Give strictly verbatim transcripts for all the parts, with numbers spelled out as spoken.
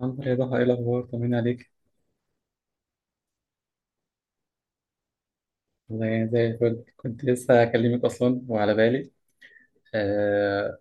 الحمد لله يا ضحى، ايه الاخبار؟ طمني عليك. والله يعني زي الفل. كنت لسه اكلمك اصلا وعلى بالي. آه.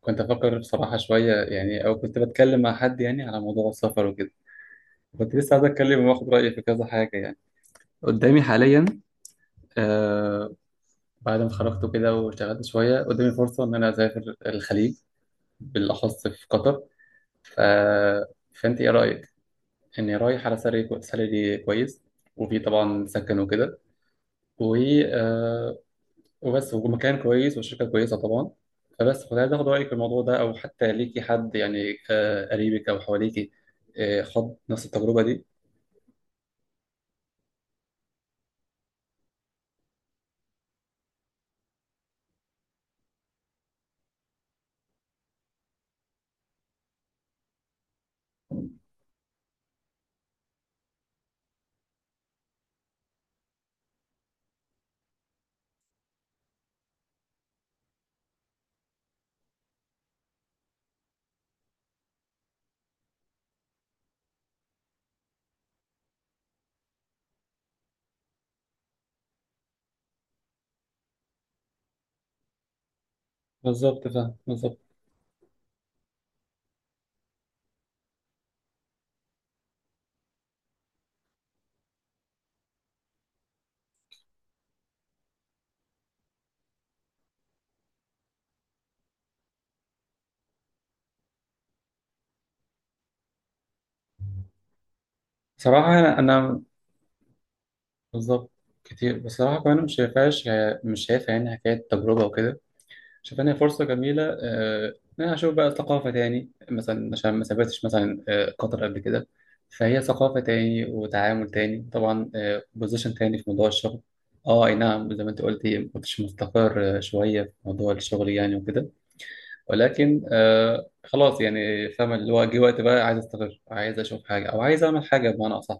كنت افكر بصراحه شويه يعني، او كنت بتكلم مع حد يعني على موضوع السفر وكده. كنت لسه عايز اتكلم واخد رايي في كذا حاجه يعني. قدامي حاليا. آه. بعد ما اتخرجت وكده واشتغلت شويه، قدامي فرصه ان انا اسافر الخليج، بالاخص في قطر. ف... فانت ايه رايك؟ اني رايح على سالري، سالري كويس، وفي طبعا سكن وكده، و وبس، ومكان كويس وشركة كويسة طبعا. فبس كنت عايز اخد رأيك في الموضوع ده، او حتى ليكي حد يعني، آه، قريبك او حواليكي، آه، خد نفس التجربة دي. بالظبط، فاهم بالظبط. صراحة انا أنا بالظبط. كتير بصراحة، كمان مش شايفهاش. مش شايفها يعني حكاية تجربة وكده. شايفانها فرصة جميلة، آه، إن أنا أشوف بقى ثقافة تاني مثلا، عشان ما سافرتش مثلا آه، قطر قبل كده. فهي ثقافة تاني وتعامل تاني طبعا. بوزيشن تاني في موضوع الشغل. اه، اي نعم. زي ما انت قلتي، ما كنتش مستقر آه، شوية في موضوع الشغل يعني وكده. ولكن آه خلاص، يعني فاهم اللي هو جه وقت بقى، عايز استقر، عايز اشوف حاجة او عايز اعمل حاجة بمعنى اصح.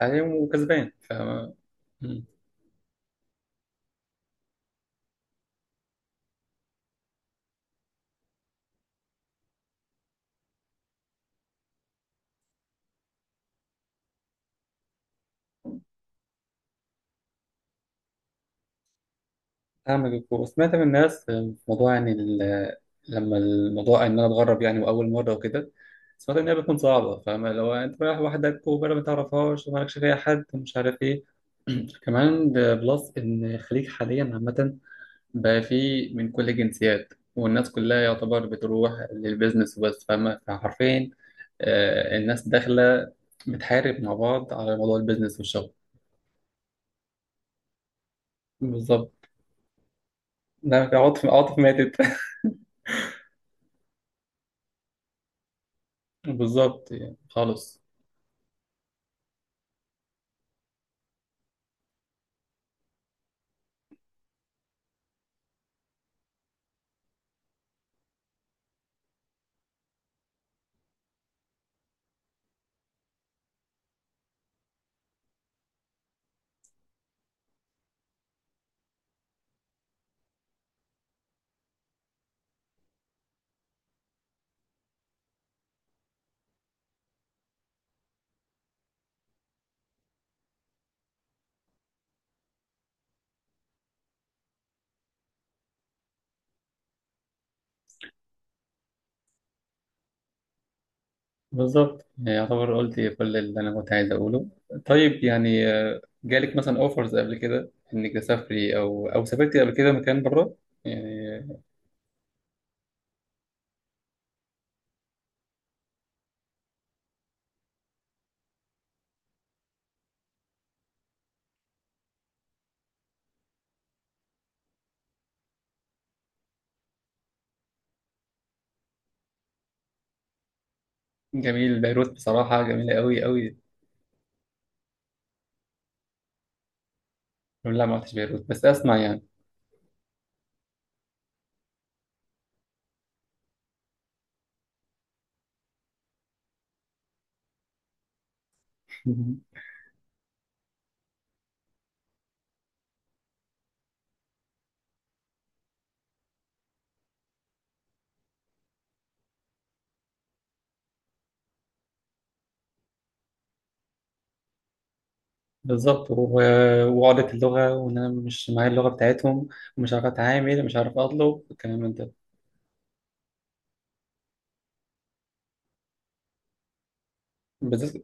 حاليا وكسبان، فاهم. أعمل الكورة، سمعت من الناس في موضوع يعني، ال- لما الموضوع إن أنا أتغرب يعني وأول مرة وكده. سمعت إن هي بتكون صعبة، فاهم؟ لو أنت رايح وحدك وبلد ما تعرفهاش ومالكش فيها حد ومش عارف إيه. كمان ده بلس إن الخليج حاليا عامة بقى فيه من كل الجنسيات، والناس كلها يعتبر بتروح للبيزنس وبس، فاهمة؟ فحرفيا آه، الناس داخلة بتحارب مع بعض على موضوع البيزنس والشغل. بالظبط. ده عاطف عاطف ماتت. بالظبط، يعني خالص. بالظبط يعني، يعتبر قلت كل اللي انا كنت عايز اقوله. طيب، يعني آه، جالك مثلا اوفرز قبل كده انك تسافري، او او سافرتي قبل كده مكان بره يعني؟ آه، جميل. بيروت بصراحه جميله قوي قوي. لا، ما رحتش بيروت بس اسمع يعني. بالظبط. و- وعقدة اللغه، وان انا مش معايا اللغه بتاعتهم، ومش عارف اتعامل، مش عارف اطلب الكلام من ده بالذات.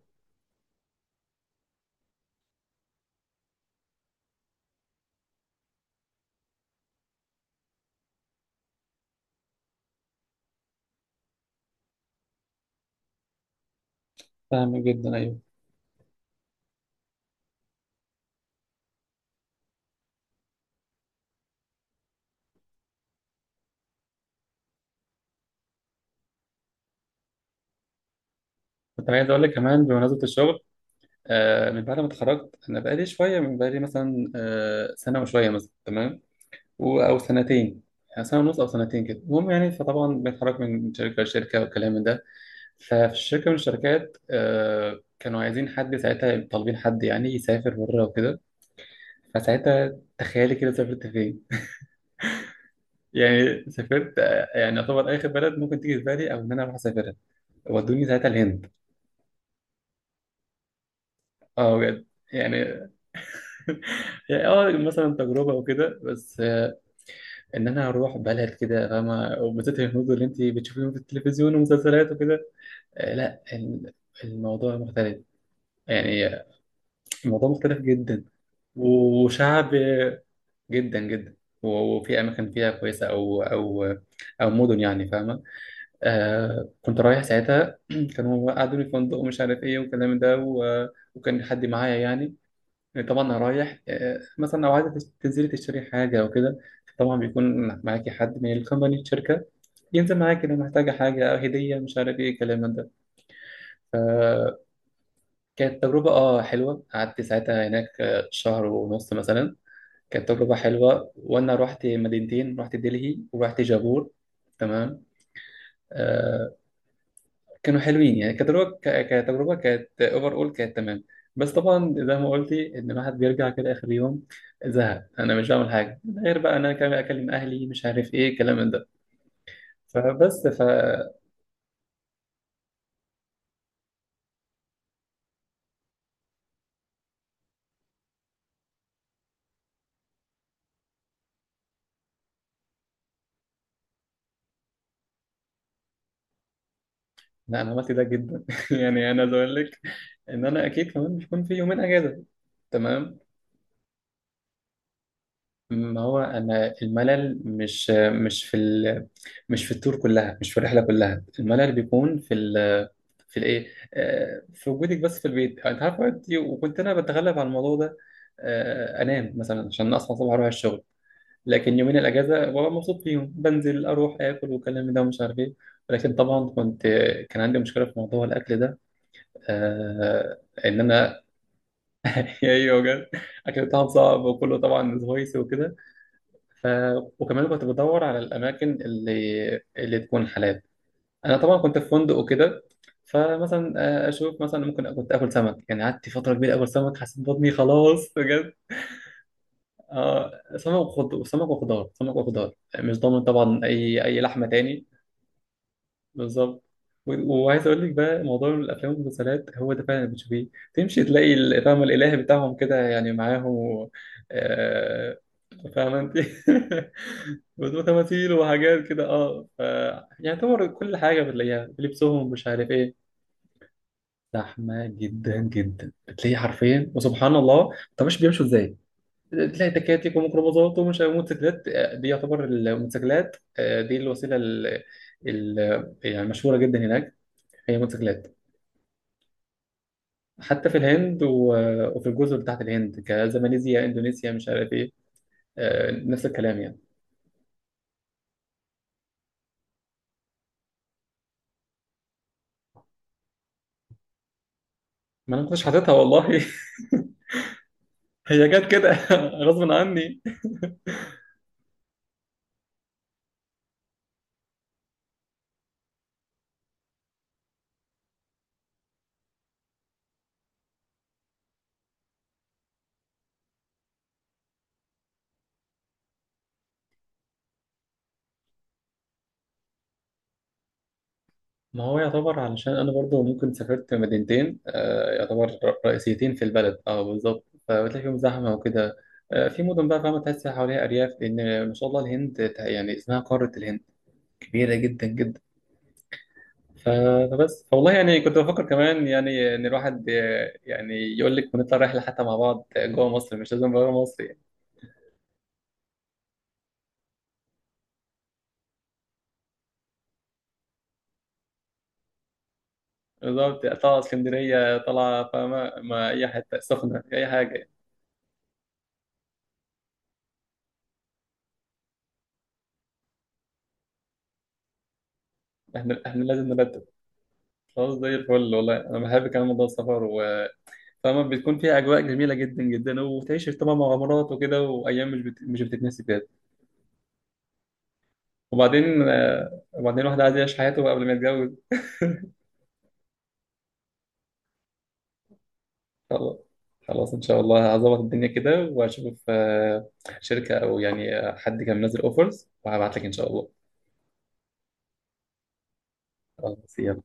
فاهم جدا، ايوه. كنت عايز اقول لك كمان بمناسبه الشغل. آه، من بعد ما اتخرجت، انا بقالي شويه، من بقالي مثلا آه، سنه وشويه مثلا، تمام، و- او سنتين، يعني سنه ونص او سنتين كده، المهم يعني. فطبعا بنتحرك من شركه لشركه والكلام من ده. ففي شركه من الشركات آه، كانوا عايزين حد ساعتها، طالبين حد يعني يسافر بره وكده. فساعتها تخيلي كده سافرت فين؟ يعني سافرت آه، يعني يعتبر اخر بلد ممكن تيجي في بالي، او ان انا اروح اسافرها. ودوني ساعتها الهند. اه، بجد. يعني. يعني اه، مثلا تجربه وكده، بس آه، ان انا اروح بلد كده، فاهمه؟ وبالذات الهنود اللي انت بتشوفيهم في التلفزيون ومسلسلات وكده. آه، لا ال- الموضوع مختلف، يعني الموضوع مختلف جدا. وشعب جدا جدا. و- وفي اماكن فيها كويسه، او او او مدن يعني، فاهمه؟ آه. كنت رايح ساعتها كانوا قعدوني في فندق ومش عارف ايه والكلام ده، و- وكان حد معايا يعني. طبعا انا رايح، آه، مثلا لو عايزه تنزلي تشتري حاجه او كده، طبعا بيكون معاكي حد من الكومباني، الشركه، ينزل معاك كده. محتاجة حاجة أو هدية مش عارف إيه الكلام من ده. فكانت تجربة آه حلوة. قعدت ساعتها هناك آه، شهر ونص مثلا. كانت تجربة حلوة، وأنا رحت مدينتين، رحت دلهي ورحت جابور. تمام. آه. كانوا حلوين يعني، كتجربة، ك- كتجربة كانت أوفر أول، كانت تمام. بس طبعا زي ما قلتي، إن الواحد بيرجع كده آخر يوم زهق. أنا مش بعمل حاجة غير بقى، أنا كمان أكلم أهلي مش عارف إيه الكلام من ده. فبس. لا، انا عملت ده جدا. يعني انا عايز اقول لك، ان انا اكيد كمان بيكون في يومين اجازه، تمام. ما هو انا الملل، مش مش في ال... مش في التور كلها، مش في الرحله كلها. الملل بيكون في ال... في الايه، آه، في وجودك بس في البيت، انت عارف وقتي، وكنت انا بتغلب على الموضوع ده، آه، انام مثلا عشان اصحى الصبح اروح الشغل. لكن يومين الاجازه ببقى مبسوط فيهم، بنزل اروح اكل والكلام ده ومش عارف ايه. ولكن طبعا كنت، كان عندي مشكله في موضوع الاكل ده، آه، ان انا. ايوه بجد. الاكل بتاعهم صعب، وكله طبعا سبايسي وكده. ف... وكمان كنت بدور على الاماكن اللي اللي تكون حلال. انا طبعا كنت في فندق وكده، فمثلا آه، اشوف مثلا، ممكن كنت اكل سمك. يعني قعدت فتره كبيره اكل سمك، حسيت بطني خلاص بجد. اه. سمك وخضار، سمك وخضار، سمك وخضار. مش ضامن طبعا اي اي لحمه تاني. بالظبط. و- وعايز اقول لك بقى، موضوع الافلام والمسلسلات هو ده فعلا اللي بتشوفيه. تمشي تلاقي ال- فاهمه، الالهي بتاعهم كده يعني معاهم، آه، فاهمه انت؟ وتماثيل وحاجات كده، اه. ف يعني طبعا كل حاجه بتلاقيها، لبسهم، مش عارف ايه. زحمه جدا جدا، بتلاقي حرفيا، وسبحان الله. طب مش بيمشوا ازاي؟ تلاقي تكاتك وميكروباصات ومش عارف موتوسيكلات، آه، دي يعتبر الموتوسيكلات، آه، دي الوسيله ال ال- يعني مشهوره جدا هناك. هي موتوسيكلات. حتى في الهند، و... وفي الجزر بتاعت الهند كزماليزيا، اندونيسيا، مش عارف ايه، آه، نفس الكلام يعني. ما انا ما كنتش حاططها والله. هي جت كده. غصب عني. ما هو يعتبر، علشان انا برضو ممكن سافرت مدينتين آه، يعتبر ر- رئيسيتين في البلد، اه بالظبط، فبتلاقي فيهم زحمه وكده. آه، في مدن بقى، فاهمة؟ تحس حواليها أرياف، لأن ما شاء الله الهند يعني اسمها قارة الهند، كبيرة جدا جدا. فبس والله، يعني كنت بفكر كمان يعني ان الواحد، يعني يقول لك، ونطلع رحله حتى مع بعض جوه مصر، مش لازم بره مصر يعني. بالظبط. طالعه اسكندريه، طالعه فاهمه، ما اي حته سخنه، اي حاجه. احنا احنا لازم نرتب. خلاص، زي الفل والله. انا بحب كمان موضوع السفر، و- فاهمه، بتكون فيها اجواء جميله جدا جدا، وبتعيش طبعا مغامرات وكده، وايام مش بت... مش بتتنسي بجد. وبعدين آه، وبعدين الواحد عايز يعيش حياته قبل ما يتجوز. خلاص. خلاص ان شاء الله، هظبط الدنيا كده، واشوف آه، شركة، او يعني آه، حد كان منزل اوفرز، وهبعت لك ان شاء الله. خلاص يلا.